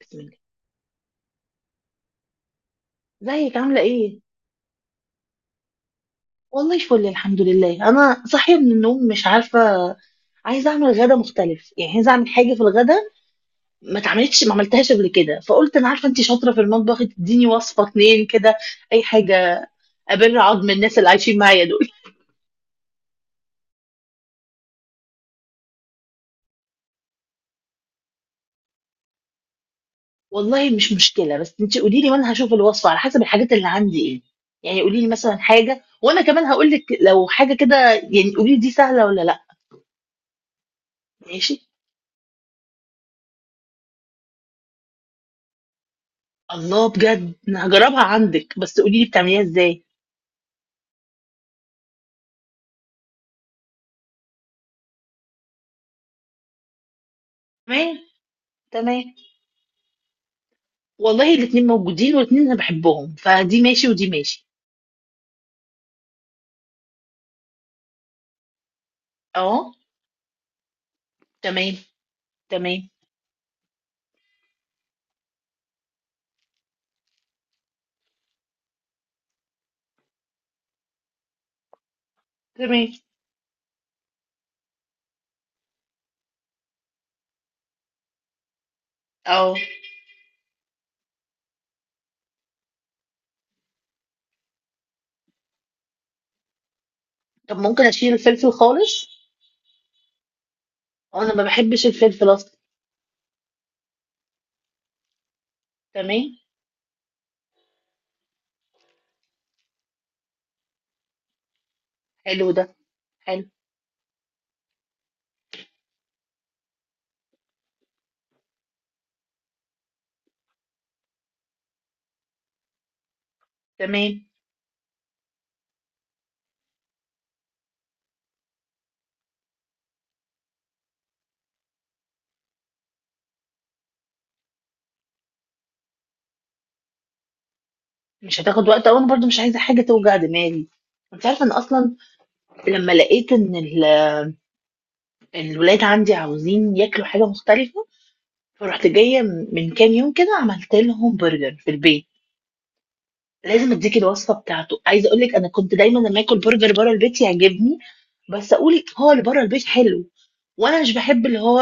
بسم الله ازيك عاملة ايه؟ والله فل الحمد لله. انا صاحية من النوم مش عارفة، عايزة اعمل غدا مختلف، يعني عايزة اعمل حاجة في الغدا ما عملتهاش قبل كده. فقلت انا عارفة انتي شاطرة في المطبخ، تديني وصفة اتنين كده اي حاجة ابر عظم الناس اللي عايشين معايا دول. والله مش مشكلة، بس انتي قولي لي وانا هشوف الوصفة على حسب الحاجات اللي عندي ايه. يعني قولي لي مثلا حاجة وانا كمان هقول لك لو حاجة كده، يعني قولي لي دي سهلة ولا لا. ماشي. الله بجد انا هجربها عندك، بس قولي لي بتعمليها ازاي. تمام، والله الاتنين موجودين والاتنين انا بحبهم، فدي ماشي ودي ماشي. اه، تمام. تمام. تمام. اه، طب ممكن اشيل الفلفل خالص، انا ما بحبش الفلفل اصلا. تمام. حلو ده، حلو. تمام. مش هتاخد وقت أوي، انا برضو مش عايزه حاجه توجع دماغي. انت عارفه ان اصلا لما لقيت ان الولاد عندي عاوزين ياكلوا حاجه مختلفه، فرحت جايه من كام يوم كده عملت لهم برجر في البيت. لازم اديكي الوصفه بتاعته. عايزه اقول لك، انا كنت دايما لما اكل برجر بره البيت يعجبني، بس اقول هو اللي بره البيت حلو، وانا مش بحب اللي هو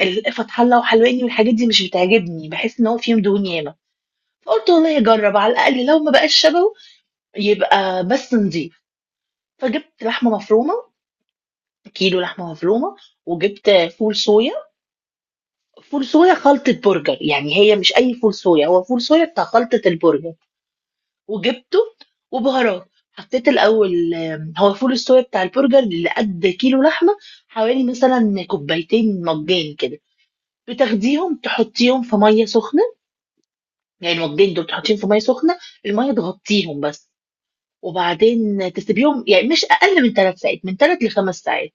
الفتح الله وحلواني والحاجات دي مش بتعجبني، بحس ان هو فيه دهون ياما. فقلت والله اجرب، على الاقل لو ما بقاش شبهه يبقى بس نضيف. فجبت لحمه مفرومه، كيلو لحمه مفرومه، وجبت فول صويا. فول صويا خلطه برجر، يعني هي مش اي فول صويا، هو فول صويا بتاع خلطه البرجر. وجبته وبهارات. حطيت الأول، هو فول الصويا بتاع البرجر اللي قد كيلو لحمة حوالي مثلا كوبايتين مجان كده، بتاخديهم تحطيهم في مية سخنة. يعني المجان دول تحطيهم في مية سخنة، المية تغطيهم بس، وبعدين تسيبيهم يعني مش أقل من ثلاث ساعات، من ثلاث لخمس ساعات.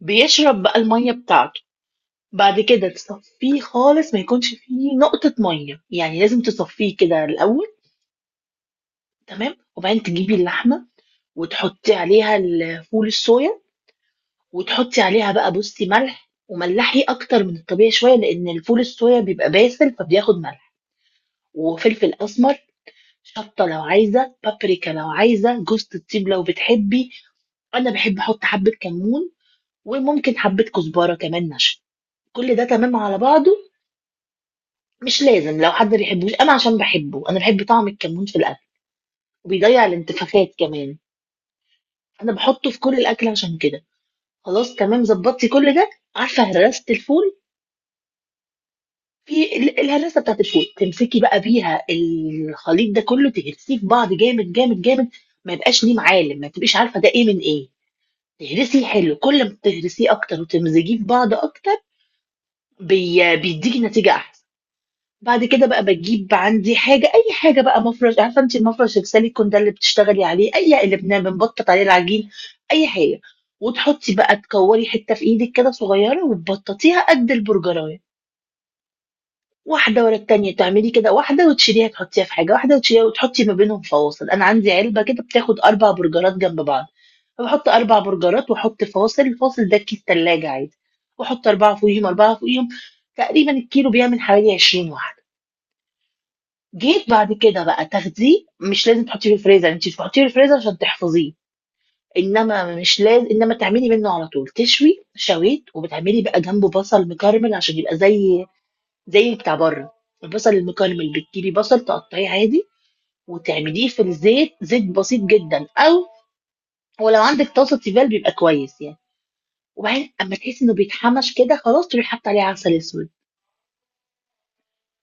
بيشرب بقى المية بتاعته. بعد كده تصفيه خالص، ما يكونش فيه نقطة مية، يعني لازم تصفيه كده الأول. تمام، وبعدين تجيبي اللحمة وتحطي عليها ال فول الصويا، وتحطي عليها بقى، بُصّي، ملح، وملّحي أكتر من الطبيعي شوية لإن الفول الصويا بيبقى باسل فبياخد ملح، وفلفل أسمر، شطة لو عايزة، بابريكا لو عايزة، جوزة الطيب لو بتحبي، أنا باحب أحط حبة كمون، وممكن حبة كزبرة كمان ناشفة، كل ده تمام على بعضه. مش لازم، لو حد بيحبوش، أنا عشان باحبه، أنا باحب طعم الكمون في الأكل، وبيضيّع الانتفاخات كمان. أنا باحطه في كل الأكل عشان كده. خلاص، تمام، ضبطتي كل ده. عارفه هرسه الفول، في الهرسه بتاعت الفول، تمسكي بقى بيها الخليط ده كله تهرسيه في بعض جامد جامد جامد، ما يبقاش ليه معالم، ما تبقيش عارفه ده ايه من ايه. تهرسيه حلو، كل ما تهرسيه اكتر وتمزجيه في بعض اكتر، بيديكي نتيجه احسن. بعد كده بقى باجيب عندي حاجة، أي حاجة بقى، مفرش، عارفة أنتِ المفرش السيليكون ده اللي بتشتغلي عليه، أي اللي بنبطط عليه العجين. أي حاجة وتحطي بقى، تكوري حتة في إيدك كده صغيرة وتبططيها قد البرجراية، واحدة ورا التانية تعملي كده واحدة وتشيليها تحطيها في حاجة، واحدة وتشيليها وتحطي ما بينهم فواصل. أنا عندي علبة كده بتاخد أربع برجرات جنب بعض، فبحط أربع برجرات وأحط فواصل، الفاصل ده كيس تلاجة عادي، وأحط أربعة فوقيهم أربعة فوقيهم. تقريبا الكيلو بيعمل حوالي 20 واحدة. جيت بعد كده بقى تاخديه، مش لازم تحطيه في الفريزر، أنتِ بتحطيه في الفريزر عشان تحفظيه، إنما مش لاز إنما تعملي منه على طول. تشوي شويت وبتعملي بقى جنبه بصل مكرمل عشان يبقى زي بتاع برّه. البصل المكرمل بتجيبي بصل تقطعيه عادي وتعمليه في الزيت، زيت بسيط جدًا، أو ولو عندِك طاسة تيفال بيبقى كويس يعني، وبعدين أمّا تحسي إنه بيتحمش كده خلاص تروحي حاطة عليه عسل أسود،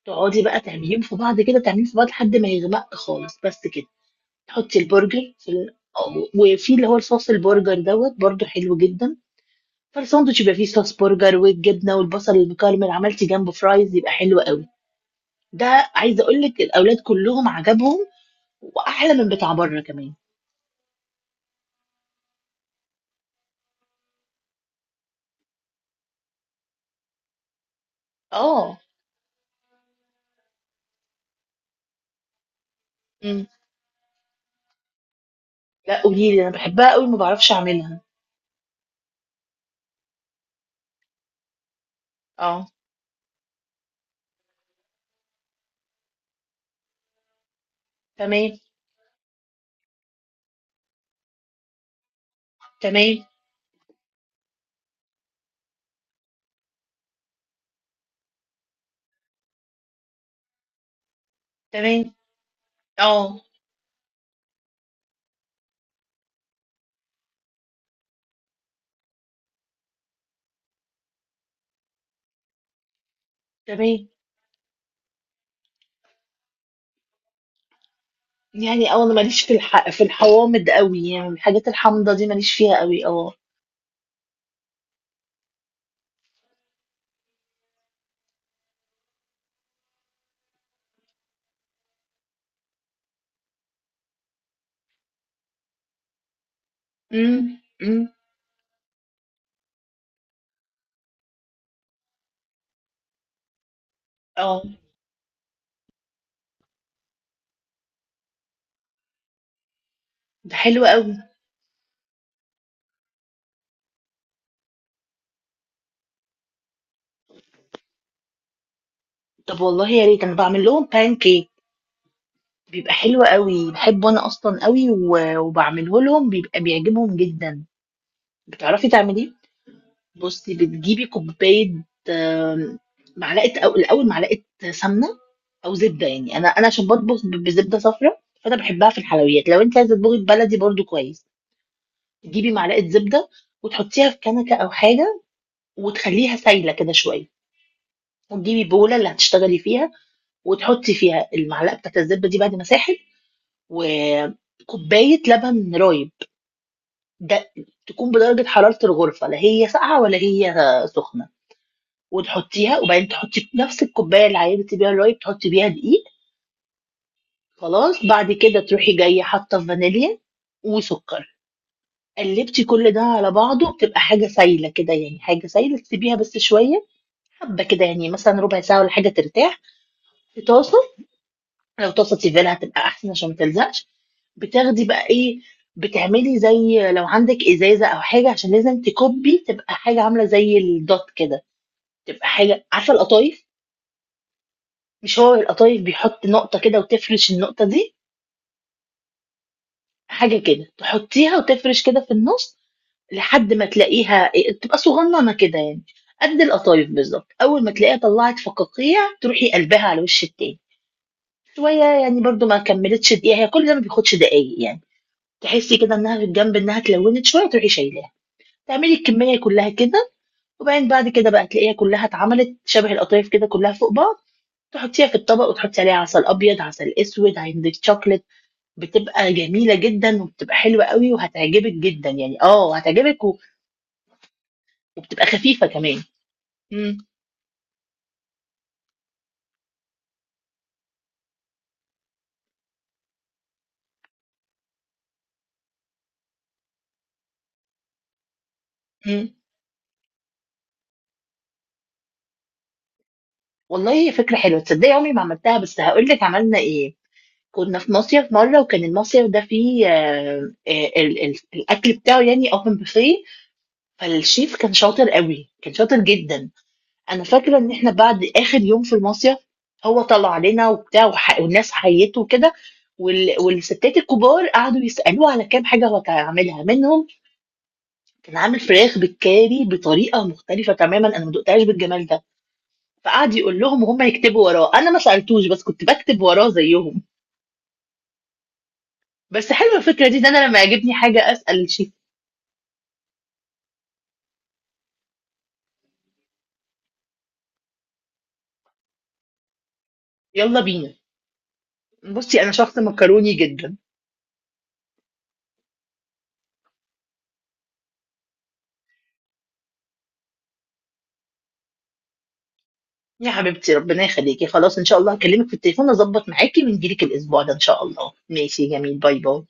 تقعدي بقى تعمليهم في بعض كده، تعمليهم في بعض لحد ما يغمق خالص، بس كده. تحطي البرجر في ال... وفي اللي هو الصوص البرجر دوت برضه حلو جدا، فالساندوتش يبقى فيه صوص برجر والجبنه والبصل المكرمل، عملتي جنبه فرايز يبقى حلو قوي. ده عايزه اقول لك الاولاد كلهم عجبهم، واحلى من بتاع بره كمان. اه. امم. لا قولي لي، انا بحبها قوي ما بعرفش اعملها. اه. تمام. تمام. تمام. اه. تمام. يعني اه، انا ماليش في الحوامض قوي، يعني الحاجات الحامضه دي ماليش فيها قوي. اه. امم. امم. اه. ده حلو قوي. طب والله يا ريت، انا بعمل لهم بان كيك بيبقى حلو قوي، بحبه انا اصلا قوي، وبعمله لهم بيبقى بيعجبهم جدا. بتعرفي تعمليه؟ بصي، بتجيبي كوبايه، آم، معلقه، او الاول معلقه سمنه او زبده، يعني انا عشان بطبخ بزبده صفراء فانا بحبها في الحلويات، لو انت عايزه تطبخي بلدي برضو كويس. تجيبي معلقه زبده وتحطيها في كنكه او حاجه وتخليها سايله كده شويه، وتجيبي بوله اللي هتشتغلي فيها وتحطي فيها المعلقه بتاعت الزبده دي بعد ما ساحت، وكوباية لبن رايب، ده تكون بدرجة حرارة الغرفة، لا هي ساقعة ولا هي سخنة، وتحطيها، وبعدين تحطي نفس الكوباية اللي عينتي بيها الرايب تحطي بيها دقيق. خلاص، بعد كده تروحي جاية حاطة فانيليا وسكر، قلبتي كل ده على بعضه بتبقى حاجة سايلة كده، يعني حاجة سايلة تسيبيها بس شوية، حبة كده يعني مثلا ربع ساعة ولا حاجة ترتاح. في طاسة، لو طاسه تيفال هتبقى احسن عشان ما تلزقش. بتاخدي بقى ايه، بتعملي زي لو عندك ازازه او حاجه عشان لازم تكبي، تبقى حاجه عامله زي الدوت كده، تبقى حاجه، عارفه القطايف؟ مش هو القطايف بيحط نقطه كده وتفرش النقطه دي، حاجه كده تحطيها وتفرش كده في النص لحد ما تلاقيها إيه، تبقى صغننه كده يعني قد القطايف بالظبط. اول ما تلاقيها طلعت فقاقيع تروحي قلبها على وش التاني شويه، يعني برضو ما كملتش دقيقه، هي كل ده ما بياخدش دقايق يعني. تحسي كده إنها في الجنب إنها اتلونت شوية تروحي شايلاها، تعملي الكمية كلها كده، وبعدين بعد كده بقى تلاقيها كلها اتعملت شبه القطايف كده كلها فوق بعض، تحطيها في الطبق وتحطي عليها عسل أبيض، عسل أسود، عندك شوكليت، بتبقى جميلة جدًا وبتبقى حلوة أوي وهتعجبِك جدًا يعني، آه هتعجبِك، و وبتبقى خفيفة كمان. إمم، إمم. والله هي فكرة حلوة، تصدقي عمري ما عملتها، بس هاقول لِك عملنا إيه. كنا في مصيف مرة، وكان المصيف ده فيه ال ال الأكل بتاعه يعني open buffet، فالchef كان شاطر أوي، كان شاطر جدًا. أنا فاكرة إن إحنا بعد آخر يوم في المصيف، هو طلع لنا وبتاع والناس حيّته وكده، والستات الكبار قعدوا يسألوه على كام حاجة هو كان عاملها، منهم كان عامل فراخ بالكاري بطريقة مختلفة تمامًا، أنا ما دُقتهاش بالجمال ده، فقعد يقول لهم وهُم يكتبوا وراه، أنا ما سألتوش بس كنت باكتب وراه زيّهم. بس حلوة الفكرة دي، إن أنا لمّا يعجبني حاجة أسأل الchef. يالّا بينا. بُصّي أنا شخص مكروني جدًا. يا حبيبتي، ربنا يخليكي، خلاص ان شاء الله هكلمك في التليفون اظبط معاكي ونجيلك الاسبوع ده ان شاء الله. ماشي، جميل، باي باي.